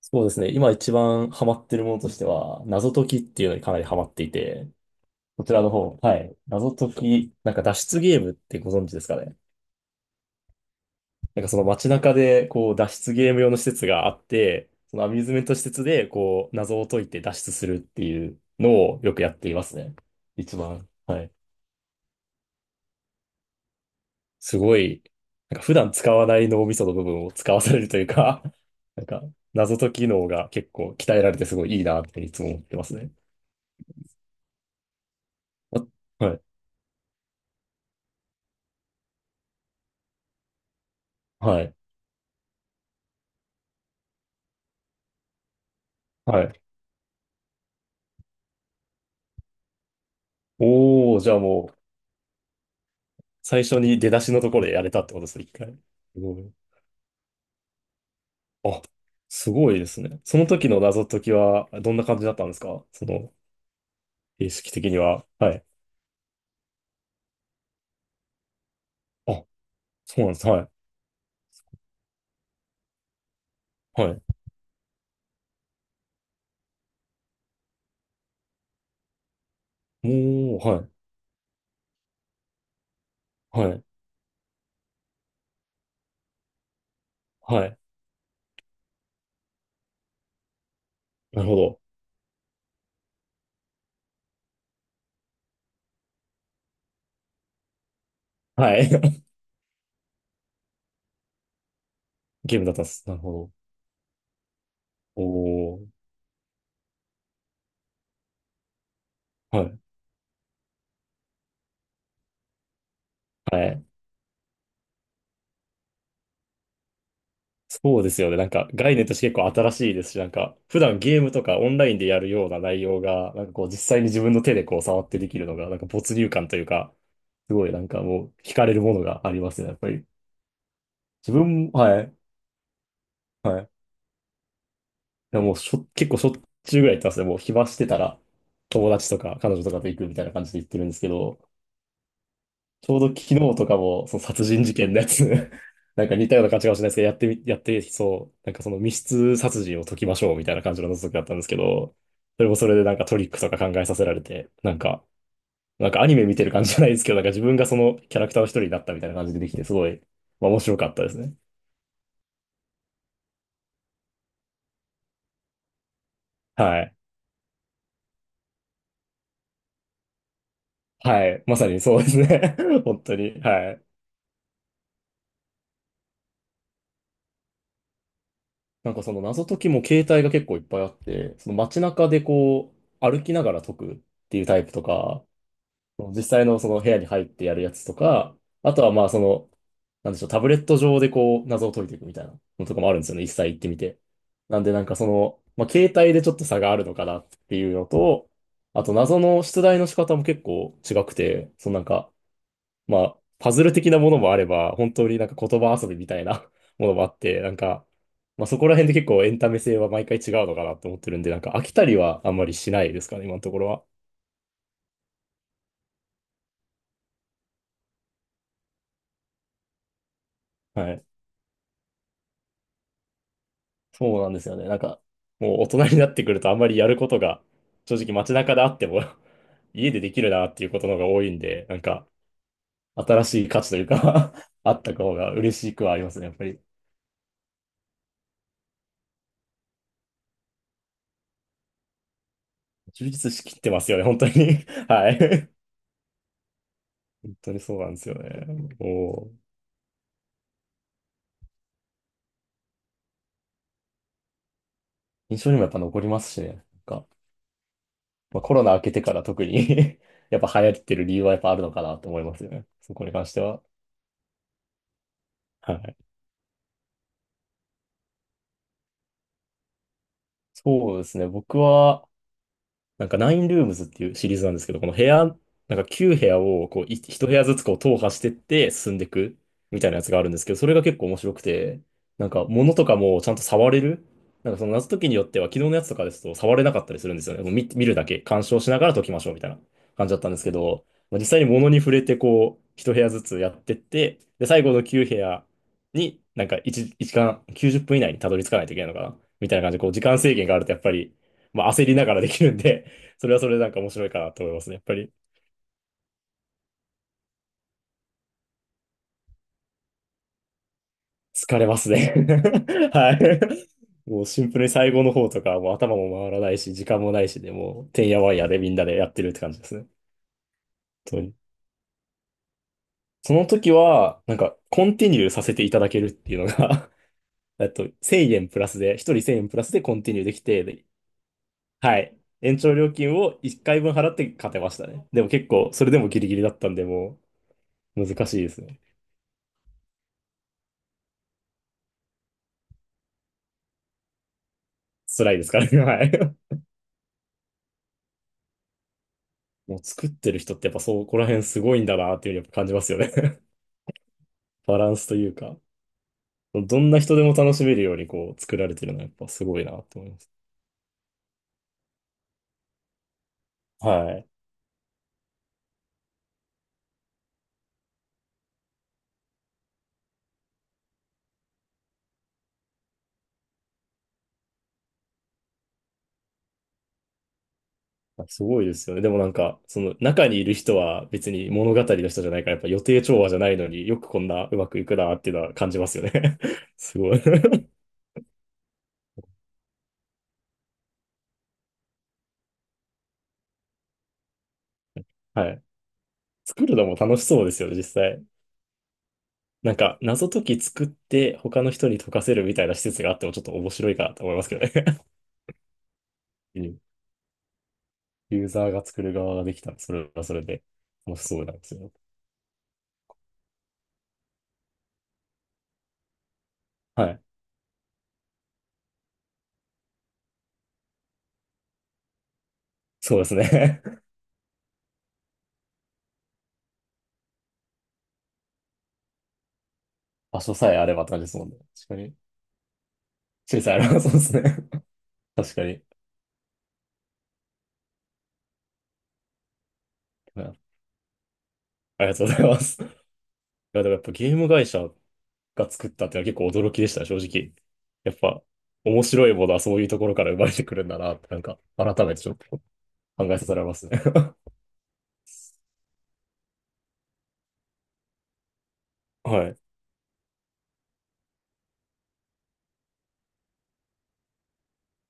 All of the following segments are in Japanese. そうですね。今一番ハマってるものとしては、謎解きっていうのにかなりハマっていて、こちらの方、はい。謎解き、なんか脱出ゲームってご存知ですかね。なんかその街中で、こう、脱出ゲーム用の施設があって、そのアミューズメント施設で、こう、謎を解いて脱出するっていうのをよくやっていますね。一番、はい。すごい、なんか普段使わない脳みその部分を使わされるというか、なんか謎解き能が結構鍛えられてすごいいいなっていつも思ってますね。あはい。はいはい。おー、じゃあもう、最初に出だしのところでやれたってことですね、一回。すごい。あ、すごいですね。その時の謎解きは、どんな感じだったんですかその、形式的には。はい。あ、そうなんです。はい。はい。もう、はい。はい。はい。なるほど。はい。ゲームだったんです。なるほど。おー。はい。はい。そうですよね。なんか、概念として結構新しいですし、なんか、普段ゲームとかオンラインでやるような内容が、なんかこう、実際に自分の手でこう、触ってできるのが、なんか没入感というか、すごいなんかもう惹かれるものがありますね、やっぱり。自分も、はい、はい。いやもうしょ、結構しょっちゅうぐらい行ってますね。もう暇してたら友達とか彼女とかと行くみたいな感じで行ってるんですけど、ちょうど昨日とかもその殺人事件のやつ なんか似たような感じかもしれないですけど、やってそう、なんかその密室殺人を解きましょうみたいな感じの謎解きだったんですけど、それもそれでなんかトリックとか考えさせられて、なんか、なんかアニメ見てる感じじゃないですけど、なんか自分がそのキャラクターの一人になったみたいな感じでできて、すごい、まあ面白かったですね。はい。はい。まさにそうですね。本当に。はい。なんかその謎解きも携帯が結構いっぱいあって、その街中でこう歩きながら解くっていうタイプとか、実際のその部屋に入ってやるやつとか、あとはまあその、なんでしょう、タブレット上でこう謎を解いていくみたいなのとかもあるんですよね。一切行ってみて。なんでなんかその、まあ携帯でちょっと差があるのかなっていうのと、あと謎の出題の仕方も結構違くて、そのなんか、まあ、パズル的なものもあれば、本当になんか言葉遊びみたいな ものもあって、なんか、まあそこら辺で結構エンタメ性は毎回違うのかなと思ってるんで、なんか飽きたりはあんまりしないですかね、今のところは。はい。そうなんですよね。なんか、もう大人になってくるとあんまりやることが、正直街中であっても 家でできるなっていうことの方が多いんで、なんか、新しい価値というか あった方が嬉しくはありますね、やっぱり。充実しきってますよね、本当に。 はい。本当にそうなんですよね。おー、印象にもやっぱ残りますしね。なんか、まあ、コロナ明けてから特に やっぱ流行ってる理由はやっぱあるのかなと思いますよね。そこに関しては。はい。そうですね。僕は、なんかナインルームズっていうシリーズなんですけど、この部屋、なんか9部屋をこうい1部屋ずつこう踏破してって進んでいくみたいなやつがあるんですけど、それが結構面白くて、なんか物とかもちゃんと触れる。なんかその謎解きによっては昨日のやつとかですと触れなかったりするんですよね。もう見るだけ、鑑賞しながら解きましょうみたいな感じだったんですけど、まあ、実際に物に触れてこう1部屋ずつやってって、で、最後の9部屋になんか1、一時間90分以内にたどり着かないといけないのかなみたいな感じでこう時間制限があるとやっぱり、まあ、焦りながらできるんで、それはそれでなんか面白いかなと思いますね。やっぱり疲れますね。はい。もうシンプルに最後の方とか、もう頭も回らないし、時間もないしで、もう、てんやわんやでみんなでやってるって感じですね。本当に。その時は、なんか、コンティニューさせていただけるっていうのが、 えっと、1000円プラスで、一人1000円プラスでコンティニューできて、ではい。延長料金を1回分払って勝てましたね。でも結構、それでもギリギリだったんで、もう、難しいですね。辛いですからね。はい。もう作ってる人ってやっぱそこら辺すごいんだなっていうふうにやっぱ感じますよね。 バランスというか、どんな人でも楽しめるようにこう作られてるのはやっぱすごいなと思います。はい。すごいですよね。でもなんか、その中にいる人は別に物語の人じゃないから、やっぱ予定調和じゃないのによくこんなうまくいくなっていうのは感じますよね。 すごい。 はい。作るのも楽しそうですよね、実際。なんか、謎解き作って他の人に解かせるみたいな施設があってもちょっと面白いかなと思いますけどね。 うん、ユーザーが作る側ができたら、それはそれで楽しそうなんですよ。はい。そうですね。場所さえあればって感じですもんね。確かに。小さいあればそうですね。確かに。はい、ありがとうございます。いや、でもやっぱゲーム会社が作ったっていうのは結構驚きでしたね、正直。やっぱ、面白いものはそういうところから生まれてくるんだなって、なんか、改めてちょっと考えさせられますね。はい。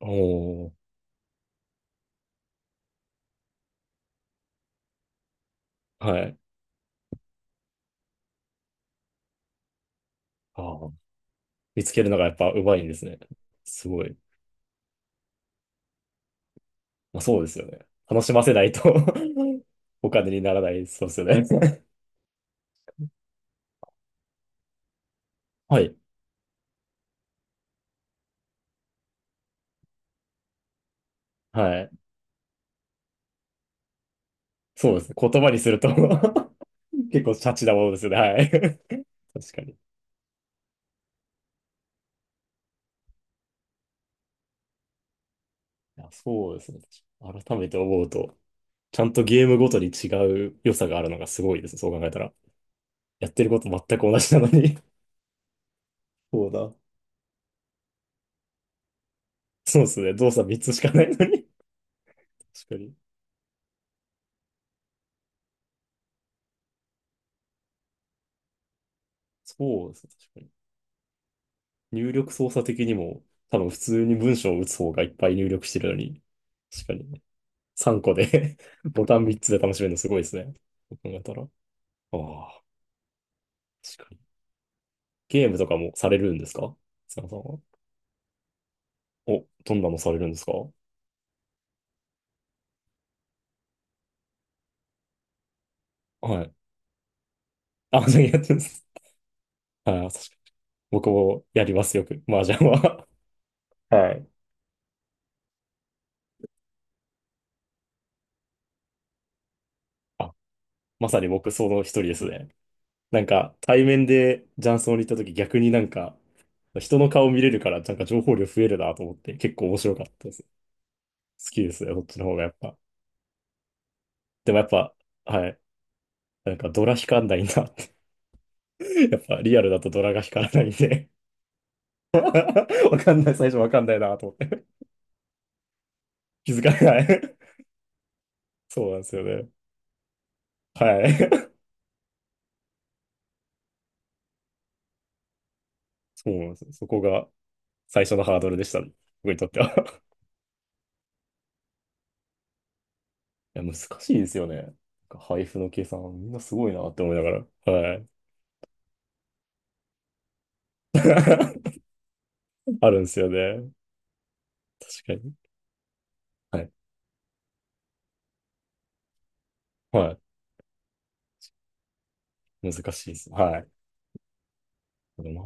おー。はい。ああ。見つけるのがやっぱ上手いんですね。すごい。まあ、そうですよね。楽しませないと、 お金にならない、そうですよね。はい。はい。そうですね。言葉にすると 結構シャチなものですよね。はい。確かに。いや、そうですね。改めて思うと、ちゃんとゲームごとに違う良さがあるのがすごいですね。そう考えたら。やってること全く同じなのに。 そうだ。そうですね。動作3つしかないのに確かに。そうですね。確かに。入力操作的にも、多分普通に文章を打つ方がいっぱい入力してるのに、確かに。3個で ボタン3つで楽しめるのすごいですね。そう考えたら。ああ、確かに。ゲームとかもされるんですか、津山さんは。お、どんなのされるんですか。はい。あ、じゃあやってます。ああ、確かに。僕もやります、よく。麻雀は。はい。あ、まさに僕、その一人ですね。なんか、対面で雀荘に行った時、逆になんか、人の顔見れるから、なんか情報量増えるなと思って、結構面白かったです。好きですね、そっちの方がやっぱ。でもやっぱ、はい。なんか、ドラ引かんないなって。 やっぱリアルだとドラが光らないんで。 わかんない、最初わかんないなと思って。気づかない。 そうなんですよね。はい。そうなんですよ。そこが最初のハードルでした、ね。僕にとっては。 いや、難しいですよね。なんか配布の計算、みんなすごいなって思いながら。はい。あるんですよね。確かに。はい。はい。難しいです。はい。でも